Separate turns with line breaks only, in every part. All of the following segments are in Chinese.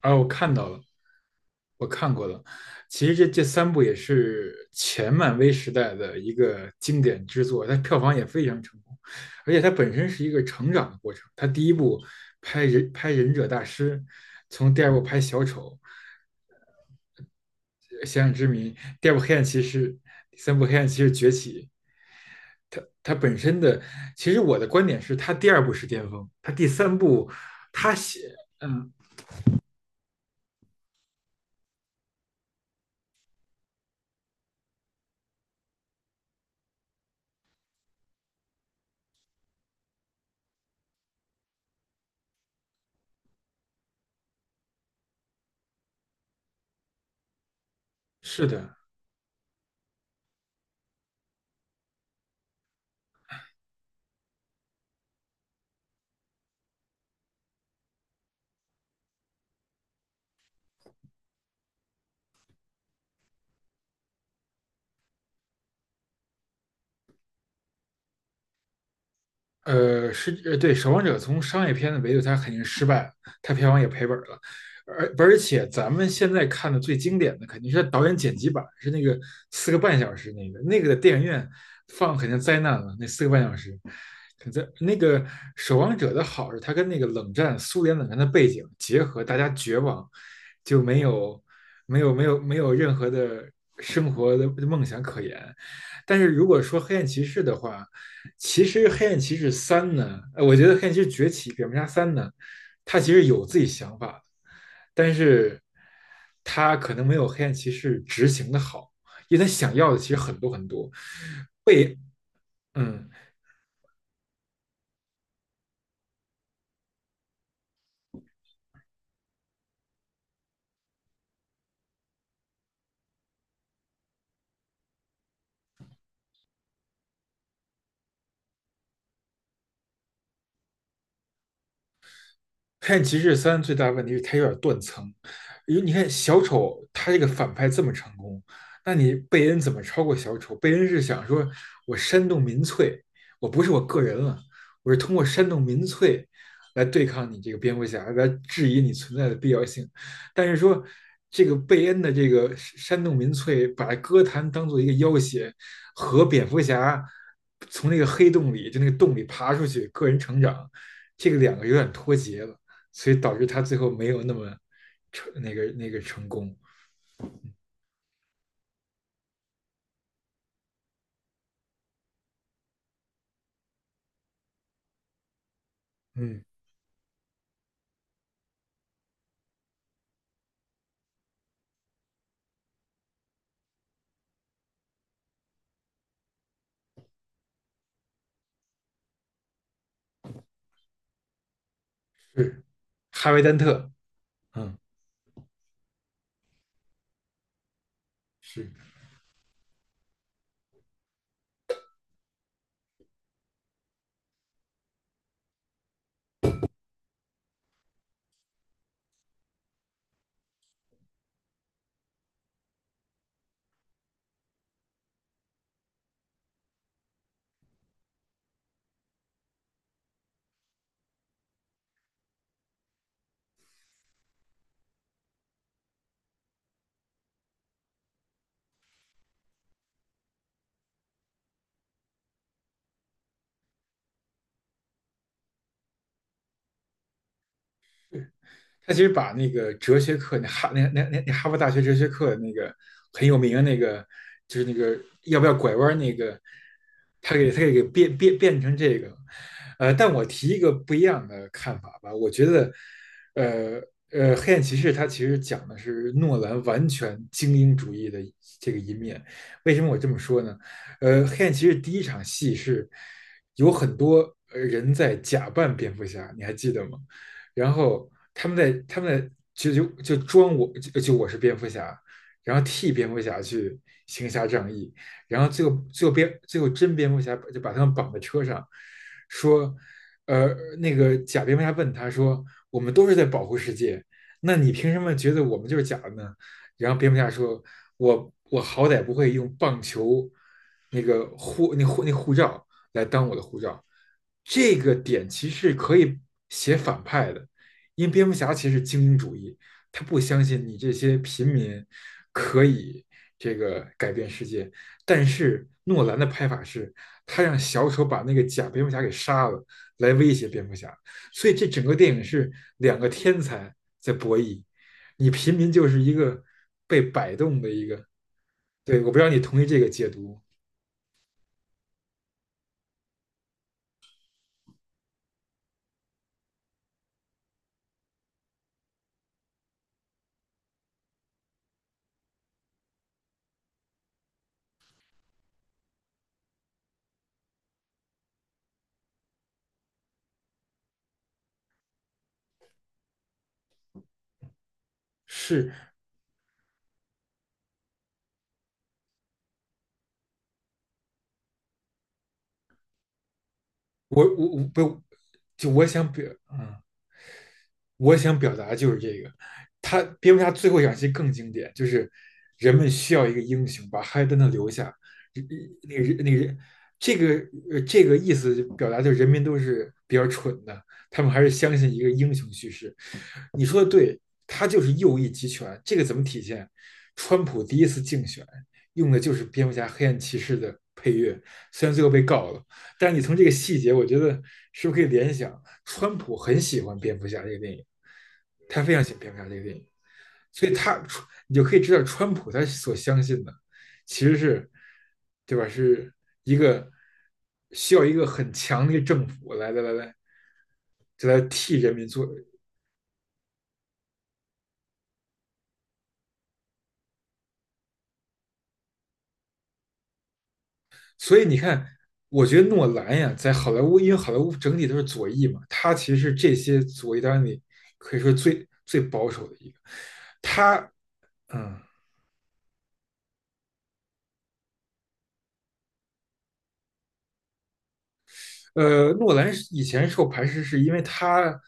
啊，我看到了，我看过了。其实这三部也是前漫威时代的一个经典之作，它票房也非常成功，而且它本身是一个成长的过程。它第一部拍忍拍忍者大师，从第二部拍小丑、想之谜，第二部黑暗骑士，第三部黑暗骑士崛起。它本身的，其实我的观点是，它第二部是巅峰，它第三部，它写，嗯，是的，是对，《守望者》从商业片的维度，它肯定失败了，它票房也赔本了，而且咱们现在看的最经典的肯定是导演剪辑版，是那个四个半小时那个，那个的电影院放肯定灾难了，那四个半小时，可在那个《守望者》的好是它跟那个冷战苏联冷战的背景结合，大家绝望，就没有没有任何的生活的梦想可言，但是如果说《黑暗骑士》的话，其实《黑暗骑士三》呢，我觉得《黑暗骑士崛起》《蝙蝠侠三》呢，他其实有自己想法的，但是他可能没有《黑暗骑士》执行的好，因为他想要的其实很多，被，嗯，《黑暗骑士三》最大问题是它有点断层，因为你看小丑他这个反派这么成功，那你贝恩怎么超过小丑？贝恩是想说我煽动民粹，我不是我个人了，我是通过煽动民粹来对抗你这个蝙蝠侠，来质疑你存在的必要性。但是说这个贝恩的这个煽动民粹，把歌坛当做一个要挟，和蝙蝠侠从那个黑洞里就那个洞里爬出去，个人成长，这个两个有点脱节了。所以导致他最后没有那么成那个成功。嗯，是，哈维·丹特，嗯，是是。他其实把那个哲学课，那哈那那那那哈佛大学哲学课那个很有名的那个，就是那个要不要拐弯那个，他给他给变成这个，呃，但我提一个不一样的看法吧，我觉得，呃黑暗骑士它其实讲的是诺兰完全精英主义的这个一面，为什么我这么说呢？呃，黑暗骑士第一场戏是有很多人在假扮蝙蝠侠，你还记得吗？然后他们在就装，我我是蝙蝠侠，然后替蝙蝠侠去行侠仗义，然后最后真蝙蝠侠就把他们绑在车上，说，呃，那个假蝙蝠侠问他说，我们都是在保护世界，那你凭什么觉得我们就是假的呢？然后蝙蝠侠说，我好歹不会用棒球那个护罩来当我的护照。这个点其实可以写反派的，因为蝙蝠侠其实是精英主义，他不相信你这些平民可以这个改变世界。但是诺兰的拍法是，他让小丑把那个假蝙蝠侠给杀了，来威胁蝙蝠侠。所以这整个电影是两个天才在博弈，你平民就是一个被摆动的一个。对，我不知道你同意这个解读，是，我我我不就我想表，嗯，我想表达就是这个。他蝙蝠侠最后一场戏更经典，就是人们需要一个英雄把哈利登顿留下，那个那个这个这个意思表达就是人民都是比较蠢的，他们还是相信一个英雄叙事。你说的对，他就是右翼集权，这个怎么体现？川普第一次竞选用的就是蝙蝠侠黑暗骑士的配乐，虽然最后被告了，但是你从这个细节，我觉得是不是可以联想，川普很喜欢蝙蝠侠这个电影，他非常喜欢蝙蝠侠这个电影，所以他，你就可以知道川普他所相信的其实是，对吧？是一个需要一个很强的一个政府来，就来替人民做。所以你看，我觉得诺兰呀，在好莱坞，因为好莱坞整体都是左翼嘛，他其实是这些左翼当演里可以说最保守的一个，他。嗯，呃，诺兰是以前受排斥，是因为他，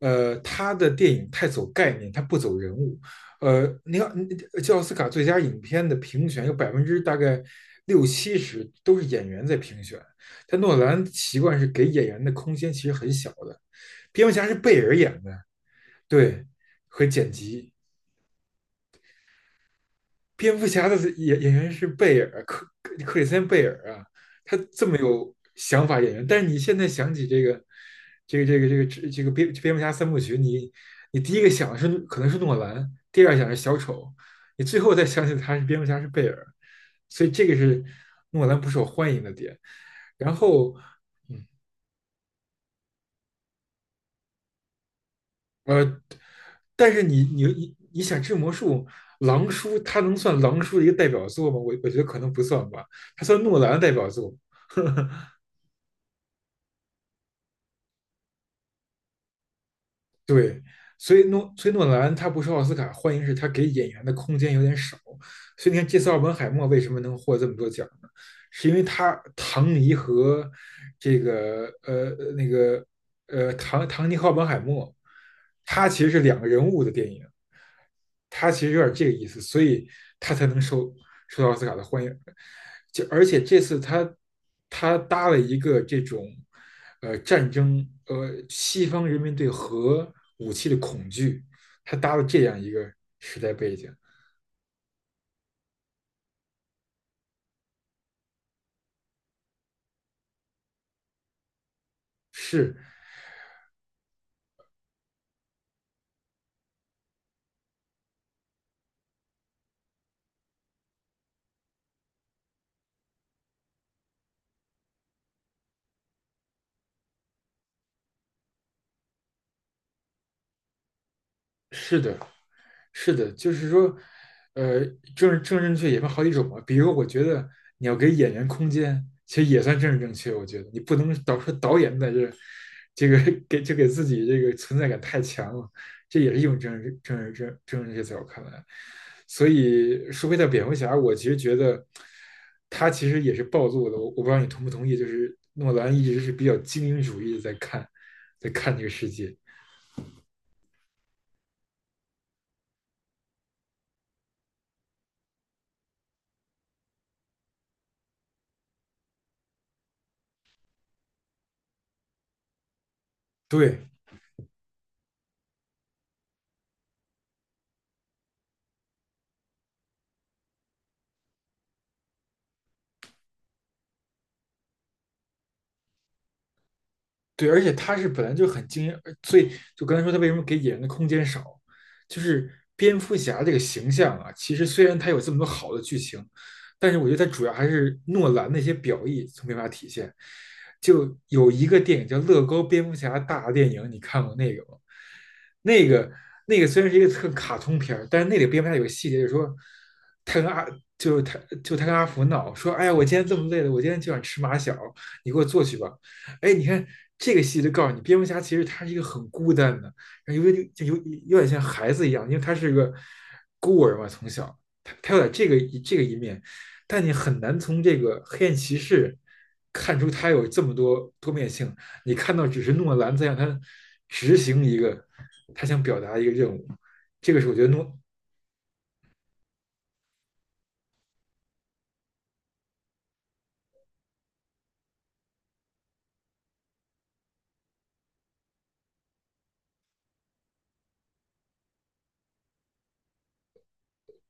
呃，他的电影太走概念，他不走人物。呃，你个，嗯，奥斯卡最佳影片的评选有百分之大概六七十都是演员在评选，但诺兰习惯是给演员的空间其实很小的。蝙蝠侠是贝尔演的，对，和剪辑，蝙蝠侠的演员是贝尔，里斯汀贝尔啊，他这么有想法演员，但是你现在想起这个蝙蝠侠三部曲，你你第一个想的是可能是诺兰，第二想是小丑，你最后再想起他是蝙蝠侠是贝尔，所以这个是诺兰不受欢迎的点。然后，嗯，呃，但是你想治魔术。狼叔，他能算狼叔的一个代表作吗？我觉得可能不算吧，他算诺兰的代表作，对，所以诺兰他不是奥斯卡，欢迎是他给演员的空间有点少。所以你看，这次奥本海默为什么能获这么多奖呢？是因为他唐尼和这个呃那个呃，唐尼和奥本海默，他其实是两个人物的电影，他其实有点这个意思，所以他才能受到奥斯卡的欢迎。就而且这次他他搭了一个这种呃战争呃西方人民对核武器的恐惧，他搭了这样一个时代背景，是，是的，是的，就是说，呃，政治正确也分好几种嘛。比如，我觉得你要给演员空间，其实也算政治正确。我觉得你不能导说导演在这，这个给就给自己这个存在感太强了，这也是一种政治正确，在我看来。所以说回到蝙蝠侠，我其实觉得他其实也是暴露了，我不知道你同不同意，就是诺兰一直是比较精英主义的在看，在看这个世界。对，对，而且他是本来就很惊艳，呃所以就刚才说他为什么给演员的空间少，就是蝙蝠侠这个形象啊，其实虽然他有这么多好的剧情，但是我觉得他主要还是诺兰那些表意从没法体现。就有一个电影叫《乐高蝙蝠侠大电影》，你看过那个吗？那个那个虽然是一个特卡通片儿，但是那里蝙蝠侠有个细节，就是说他跟阿，就是他，就他跟阿福闹说，哎呀，我今天这么累了，我今天就想吃马小，你给我做去吧。哎，你看这个戏就告诉你，蝙蝠侠其实他是一个很孤单的，有有点像孩子一样，因为他是个孤儿嘛，从小他有点这个这个一面，但你很难从这个黑暗骑士看出他有这么多多面性。你看到只是诺兰在让他执行一个他想表达一个任务，这个是我觉得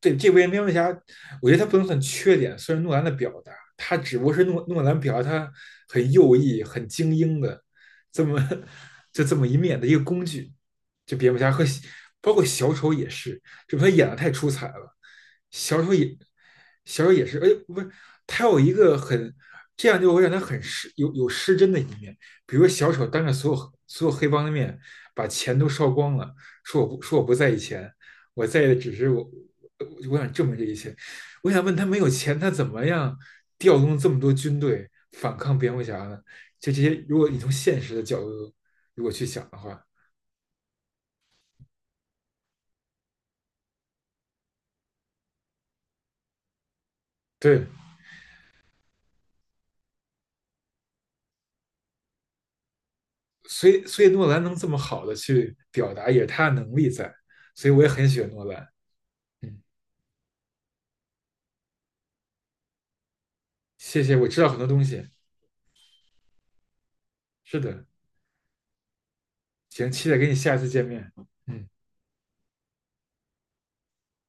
对这部《蝙蝠侠》，我觉得他不能算缺点，算是诺兰的表达，他只不过是诺兰表达他很右翼、很精英的这么就这么一面的一个工具。就蝙蝠侠和包括小丑也是，这他演的太出彩了，小丑也，是，哎，不是他有一个很这样就会让他很失有失真的一面，比如小丑当着所有黑帮的面把钱都烧光了，说我不在意钱，我在意的只是我，呃我想证明这一切。我想问他，没有钱，他怎么样调动这么多军队反抗蝙蝠侠呢？就这些，如果你从现实的角度如果去想的话，对，所以诺兰能这么好的去表达，也是他的能力在，所以我也很喜欢诺兰。嗯，谢谢，我知道很多东西。是的，行，期待跟你下次见面。嗯。